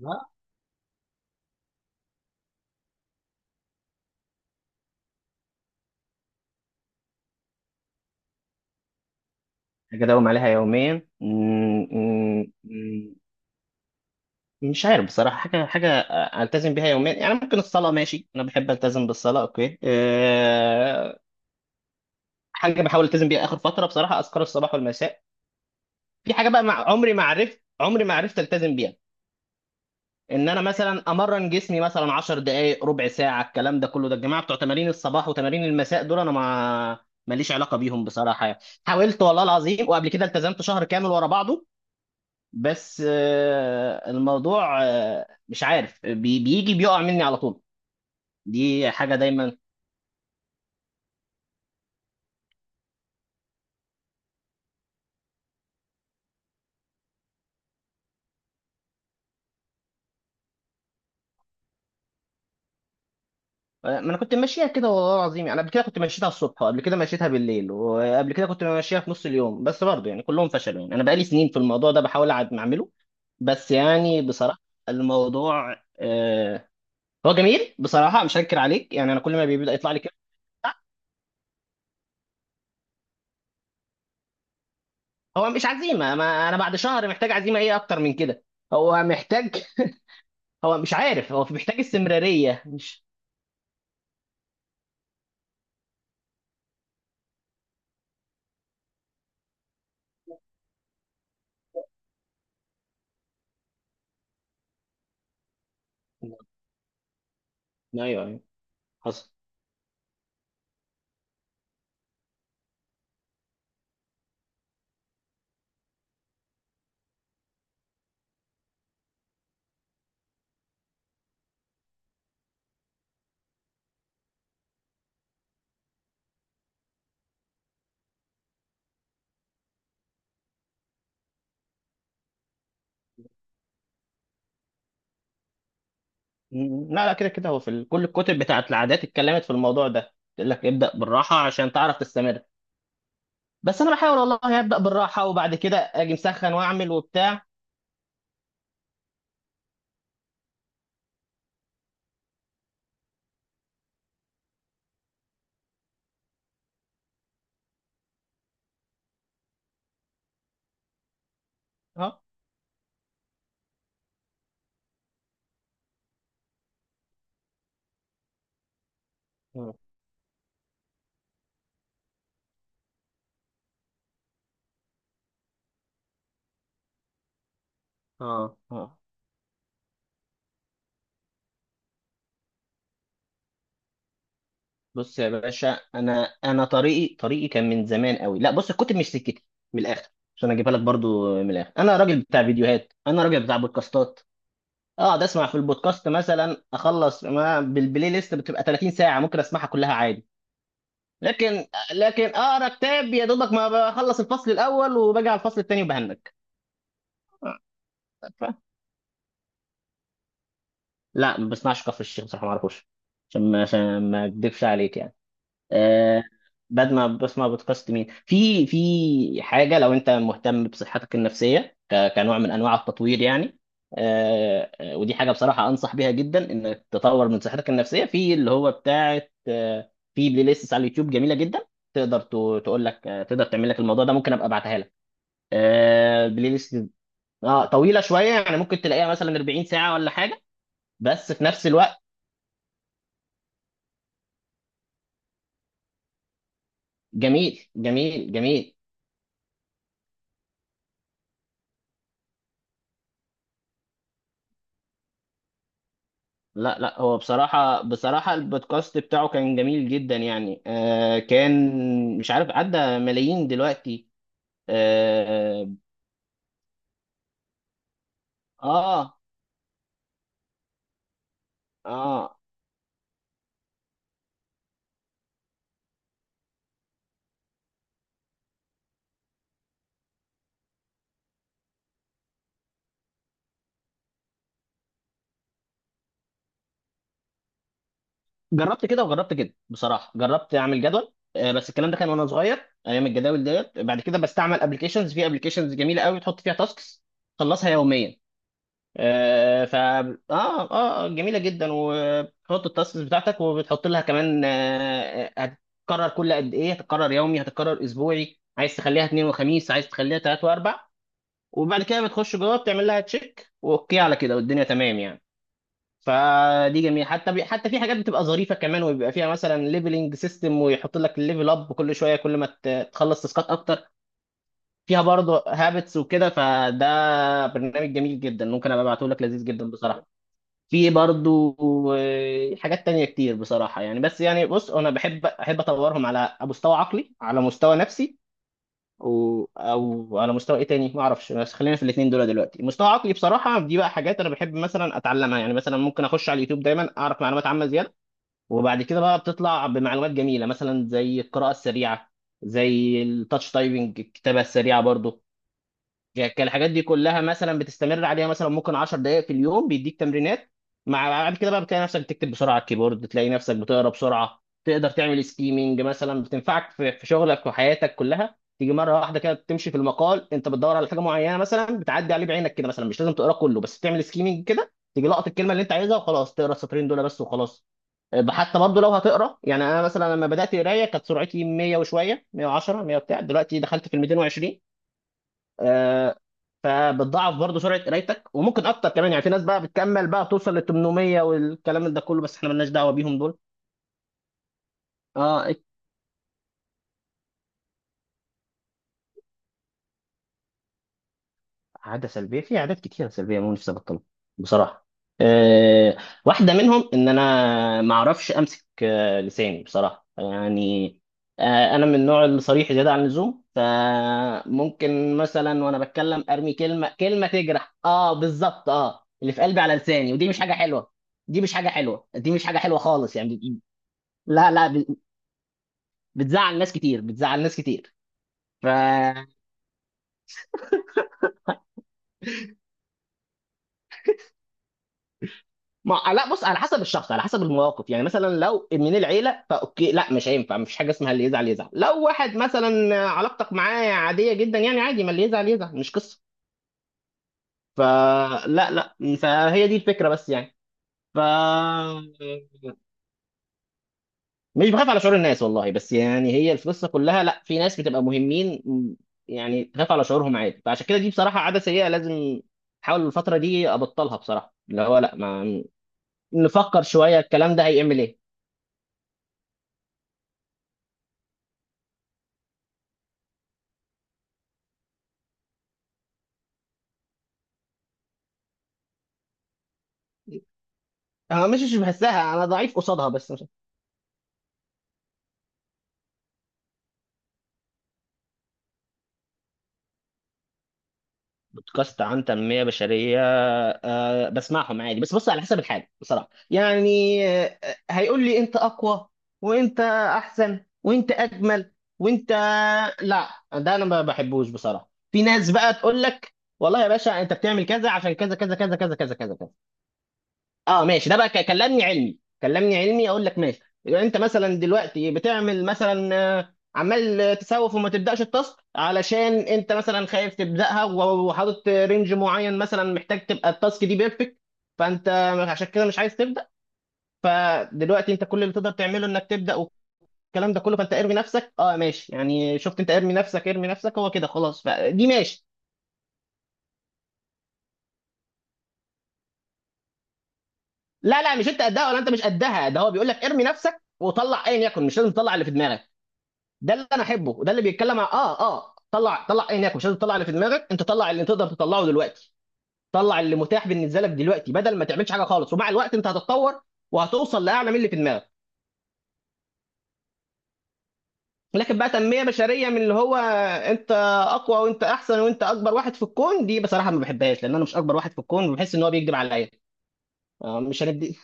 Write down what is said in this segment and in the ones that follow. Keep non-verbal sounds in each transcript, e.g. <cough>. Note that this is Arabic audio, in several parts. لا. حاجة أداوم عليها يوميا، مش عارف بصراحة. حاجة ألتزم بيها يوميا، يعني ممكن الصلاة، ماشي. أنا بحب ألتزم بالصلاة، أوكي. حاجة بحاول ألتزم بيها آخر فترة بصراحة، أذكار الصباح والمساء. في حاجة بقى، مع عمري ما عرفت، عمري ما عرفت ألتزم بيها. إن أنا مثلا أمرن جسمي مثلا 10 دقايق، ربع ساعة، الكلام ده كله. ده الجماعة بتوع تمارين الصباح وتمارين المساء دول أنا ما ماليش علاقة بيهم بصراحة يعني. حاولت والله العظيم، وقبل كده التزمت شهر كامل ورا بعضه. بس الموضوع مش عارف، بيجي بيقع مني على طول. دي حاجة دايما. ما انا كنت ماشيها كده والله العظيم يعني، قبل كده كنت مشيتها الصبح، وقبل كده مشيتها بالليل، وقبل كده كنت ماشيها في نص اليوم، بس برضه يعني كلهم فشلوا. يعني انا بقالي سنين في الموضوع ده بحاول اعمله. بس يعني بصراحة الموضوع هو جميل بصراحة، مش هنكر عليك يعني، انا كل ما بيبدأ يطلع لي كده. هو مش عزيمة. ما انا بعد شهر محتاج عزيمة ايه اكتر من كده؟ هو محتاج، هو مش عارف، هو محتاج استمرارية، مش. ايوه ايوه، حصل. لا لا، كده كده، هو في كل الكتب بتاعت العادات اتكلمت في الموضوع ده، تقول لك ابدأ بالراحة عشان تعرف تستمر. بس انا بحاول والله ابدأ بالراحة، وبعد كده اجي مسخن واعمل وبتاع. اه اه اه آه. بص يا باشا، انا طريقي كان من زمان قوي. لا بص، الكتب مش سكتي. من الاخر، عشان اجيبها لك برضو من الاخر، انا راجل بتاع فيديوهات، انا راجل بتاع بودكاستات. اقعد اسمع في البودكاست، مثلا اخلص ما بالبلاي ليست بتبقى 30 ساعه، ممكن اسمعها كلها عادي. لكن لكن اقرا كتاب، يا دوبك ما بخلص الفصل الاول وباجي على الفصل الثاني وبهنك. ف- لا، ما بسمعش كفر الشيخ بصراحه، ما اعرفوش، عشان ما، عشان ما اكدبش عليك يعني. آه، بعد ما بسمع بودكاست مين؟ في حاجه لو انت مهتم بصحتك النفسيه، كنوع من انواع التطوير يعني. ودي حاجه بصراحه انصح بيها جدا، انك تطور من صحتك النفسيه في اللي هو بتاعه. في بلاي ليست على اليوتيوب جميله جدا. تقدر تقول لك تقدر تعمل لك الموضوع ده. ممكن ابقى ابعتها لك. بلاي ليست اه طويله شويه، يعني ممكن تلاقيها مثلا 40 ساعه ولا حاجه، بس في نفس الوقت. جميل جميل جميل. لا لا، هو بصراحة البودكاست بتاعه كان جميل جدا يعني. آه، كان مش عارف، عدى ملايين دلوقتي. اه اه آه. جربت كده وجربت كده بصراحة. جربت اعمل جدول بس الكلام ده كان وانا صغير، ايام الجداول ديت. بعد كده بستعمل ابلكيشنز. في ابلكيشنز جميلة قوي تحط فيها تاسكس تخلصها يوميا. آه، ف اه اه جميله جدا، وبتحط التاسكس بتاعتك، وبتحط لها كمان هتتكرر كل قد ايه، هتتكرر يومي، هتتكرر اسبوعي، عايز تخليها اثنين وخميس، عايز تخليها ثلاث واربع. وبعد كده بتخش جوه، بتعمل لها تشيك واوكي على كده، والدنيا تمام يعني. فدي جميله. حتى حتى في حاجات بتبقى ظريفه كمان، وبيبقى فيها مثلا ليفلنج سيستم، ويحط لك الليفل اب كل شويه كل ما تخلص تاسكات اكتر. فيها برضه هابتس وكده. فده برنامج جميل جدا، ممكن ابقى ابعته لك، لذيذ جدا بصراحه. في برضو حاجات تانية كتير بصراحة يعني. بس يعني بص، أنا بحب أطورهم على مستوى عقلي، على مستوى نفسي، أو على مستوى إيه تاني ما أعرفش، بس خلينا في الاتنين دول دلوقتي. مستوى عقلي بصراحة دي بقى حاجات أنا بحب مثلا أتعلمها، يعني مثلا ممكن أخش على اليوتيوب دايما أعرف معلومات عامة زيادة. وبعد كده بقى بتطلع بمعلومات جميلة، مثلا زي القراءة السريعة، زي التاتش تايبنج، الكتابة السريعة برضو. الحاجات دي كلها مثلا بتستمر عليها، مثلا ممكن 10 دقائق في اليوم بيديك تمرينات. مع بعد كده بقى بتلاقي نفسك بتكتب بسرعه على الكيبورد، تلاقي نفسك بتقرا بسرعه، تقدر تعمل سكيمنج مثلا، بتنفعك في شغلك وحياتك كلها. تيجي مره واحده كده تمشي في المقال، انت بتدور على حاجه معينه مثلا، بتعدي عليه بعينك كده، مثلا مش لازم تقرا كله، بس تعمل سكيمنج كده، تيجي لقط الكلمه اللي انت عايزها، وخلاص تقرا السطرين دول بس وخلاص. أه، حتى برضه لو هتقرا، يعني انا مثلا لما بدات قرايه كانت سرعتي 100 وشويه، 110، 100 بتاع، دلوقتي دخلت في ال 220. آه، فبتضاعف برضه سرعه قرايتك، وممكن اكتر كمان، يعني في ناس بقى بتكمل بقى توصل ل 800 والكلام ده كله، بس احنا مالناش دعوه بيهم دول. اه. عادة سلبية، في عادات كتيرة سلبية مو نفسي أبطلها بصراحة. أه، واحدة منهم إن أنا ما أعرفش أمسك لساني بصراحة يعني. أه، أنا من النوع الصريح زيادة عن اللزوم، فممكن مثلا وأنا بتكلم أرمي كلمة، تجرح. أه، بالظبط، أه، اللي في قلبي على لساني، ودي مش حاجة حلوة. دي مش حاجة حلوة خالص يعني. لا لا، بتزعل ناس كتير، بتزعل ناس كتير. ف ما آه، لا بص، على حسب الشخص، على حسب المواقف. يعني مثلا لو من العيله فاوكي. لا مش هينفع، مفيش حاجه اسمها اللي يزعل يزعل. لو واحد مثلا علاقتك معاه عاديه جدا يعني عادي، ما اللي يزعل يزعل، مش قصه. فلا لا لا، فهي دي الفكره بس يعني. ف مش بخاف على شعور الناس والله، بس يعني هي القصه كلها. لا، في ناس بتبقى مهمين، يعني تخاف على شعورهم عادي. فعشان كده دي بصراحه عاده سيئه، لازم احاول الفتره دي ابطلها بصراحه، اللي هو لا ما نفكر شويه الكلام ده هيعمل ايه. انا مش، مش بحسها، انا ضعيف قصادها، بس مش. بودكاست عن تنميه بشريه؟ أه، بسمعهم عادي، بس بص على حسب الحاجه بصراحه يعني. هيقول لي انت اقوى، وانت احسن، وانت اجمل، وانت. لا ده انا ما بحبوش بصراحه. في ناس بقى تقول لك والله يا باشا انت بتعمل كذا عشان كذا كذا كذا كذا كذا كذا كذا. اه ماشي، ده بقى كلمني علمي، كلمني علمي اقول لك ماشي. يبقى انت مثلا دلوقتي بتعمل مثلا عمال تسوف وما تبداش التاسك، علشان انت مثلا خايف تبداها، وحاطط رينج معين، مثلا محتاج تبقى التاسك دي بيرفكت، فانت عشان كده مش عايز تبدا. فدلوقتي انت كل اللي تقدر تعمله انك تبدا والكلام ده كله. فانت ارمي نفسك، اه ماشي يعني، شفت، انت ارمي نفسك، ارمي نفسك، هو كده خلاص. فدي ماشي. لا لا، مش انت قدها ولا انت مش قدها. ده هو بيقول لك ارمي نفسك وطلع ايا يكن، مش لازم تطلع اللي في دماغك. ده اللي انا احبه، وده اللي بيتكلم عن طلع طلع ايه هناك، مش لازم تطلع اللي في دماغك انت، طلع اللي تقدر تطلعه دلوقتي، طلع اللي متاح بالنسبه لك دلوقتي، بدل ما تعملش حاجه خالص، ومع الوقت انت هتتطور وهتوصل لاعلى من اللي في دماغك. لكن بقى تنميه بشريه من اللي هو انت اقوى وانت احسن وانت اكبر واحد في الكون، دي بصراحه ما بحبهاش، لان انا مش اكبر واحد في الكون، وبحس ان هو بيكذب عليا. مش هندي.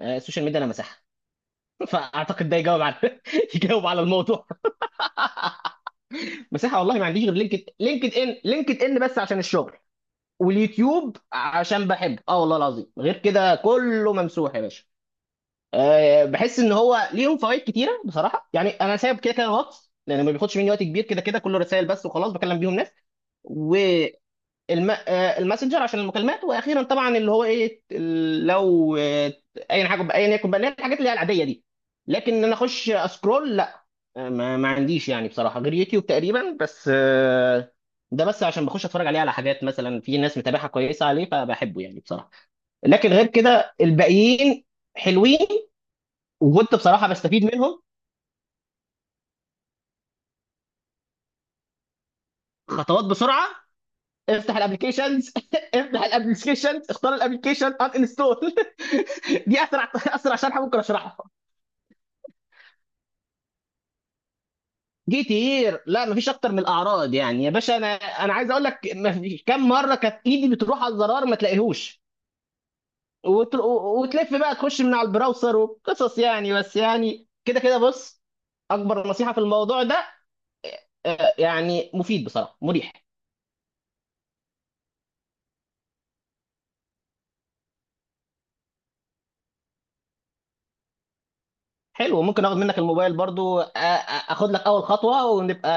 السوشيال ميديا انا مساحه. <laughs> فاعتقد ده يجاوب على <laughs> يجاوب على الموضوع. مساحه والله، ما عنديش غير لينكد، لينكد ان بس عشان الشغل، واليوتيوب عشان بحبه، اه والله العظيم غير كده كله ممسوح يا باشا. أه، بحس ان هو ليهم فوائد كتيره بصراحه يعني. انا سايب كده كده الواتس، لان ما بياخدش مني وقت كبير، كده كده كله رسائل بس وخلاص بكلم بيهم ناس. الماسنجر عشان المكالمات. واخيرا طبعا اللي هو ايه، لو اي حاجه ايا يكن بقى، اللي هي الحاجات اللي هي العاديه دي. لكن ان انا اخش اسكرول لا. ما عنديش يعني بصراحه غير يوتيوب تقريبا بس. ده بس عشان بخش اتفرج عليه، على حاجات مثلا في ناس متابعها كويسه عليه، فبحبه يعني بصراحه. لكن غير كده الباقيين حلوين، وكنت بصراحه بستفيد منهم. خطوات بسرعه. افتح الابلكيشنز. <laughs> افتح الابلكيشنز، اختار الابلكيشن ان انستول. <laughs> دي اسرع اسرع شرح ممكن اشرحها. جيت هير، لا مفيش اكتر من الاعراض يعني يا باشا. انا عايز اقول لك، مفيش- كم مره كانت ايدي بتروح على الزرار ما تلاقيهوش، وتلف بقى، تخش من على البراوسر وقصص يعني. بس يعني كده كده بص، اكبر نصيحه في الموضوع ده يعني مفيد بصراحه، مريح. حلو. ممكن اخد منك الموبايل برضو؟ اخد لك اول خطوه، ونبقى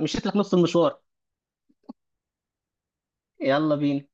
مشيت لك نص المشوار. يلا بينا.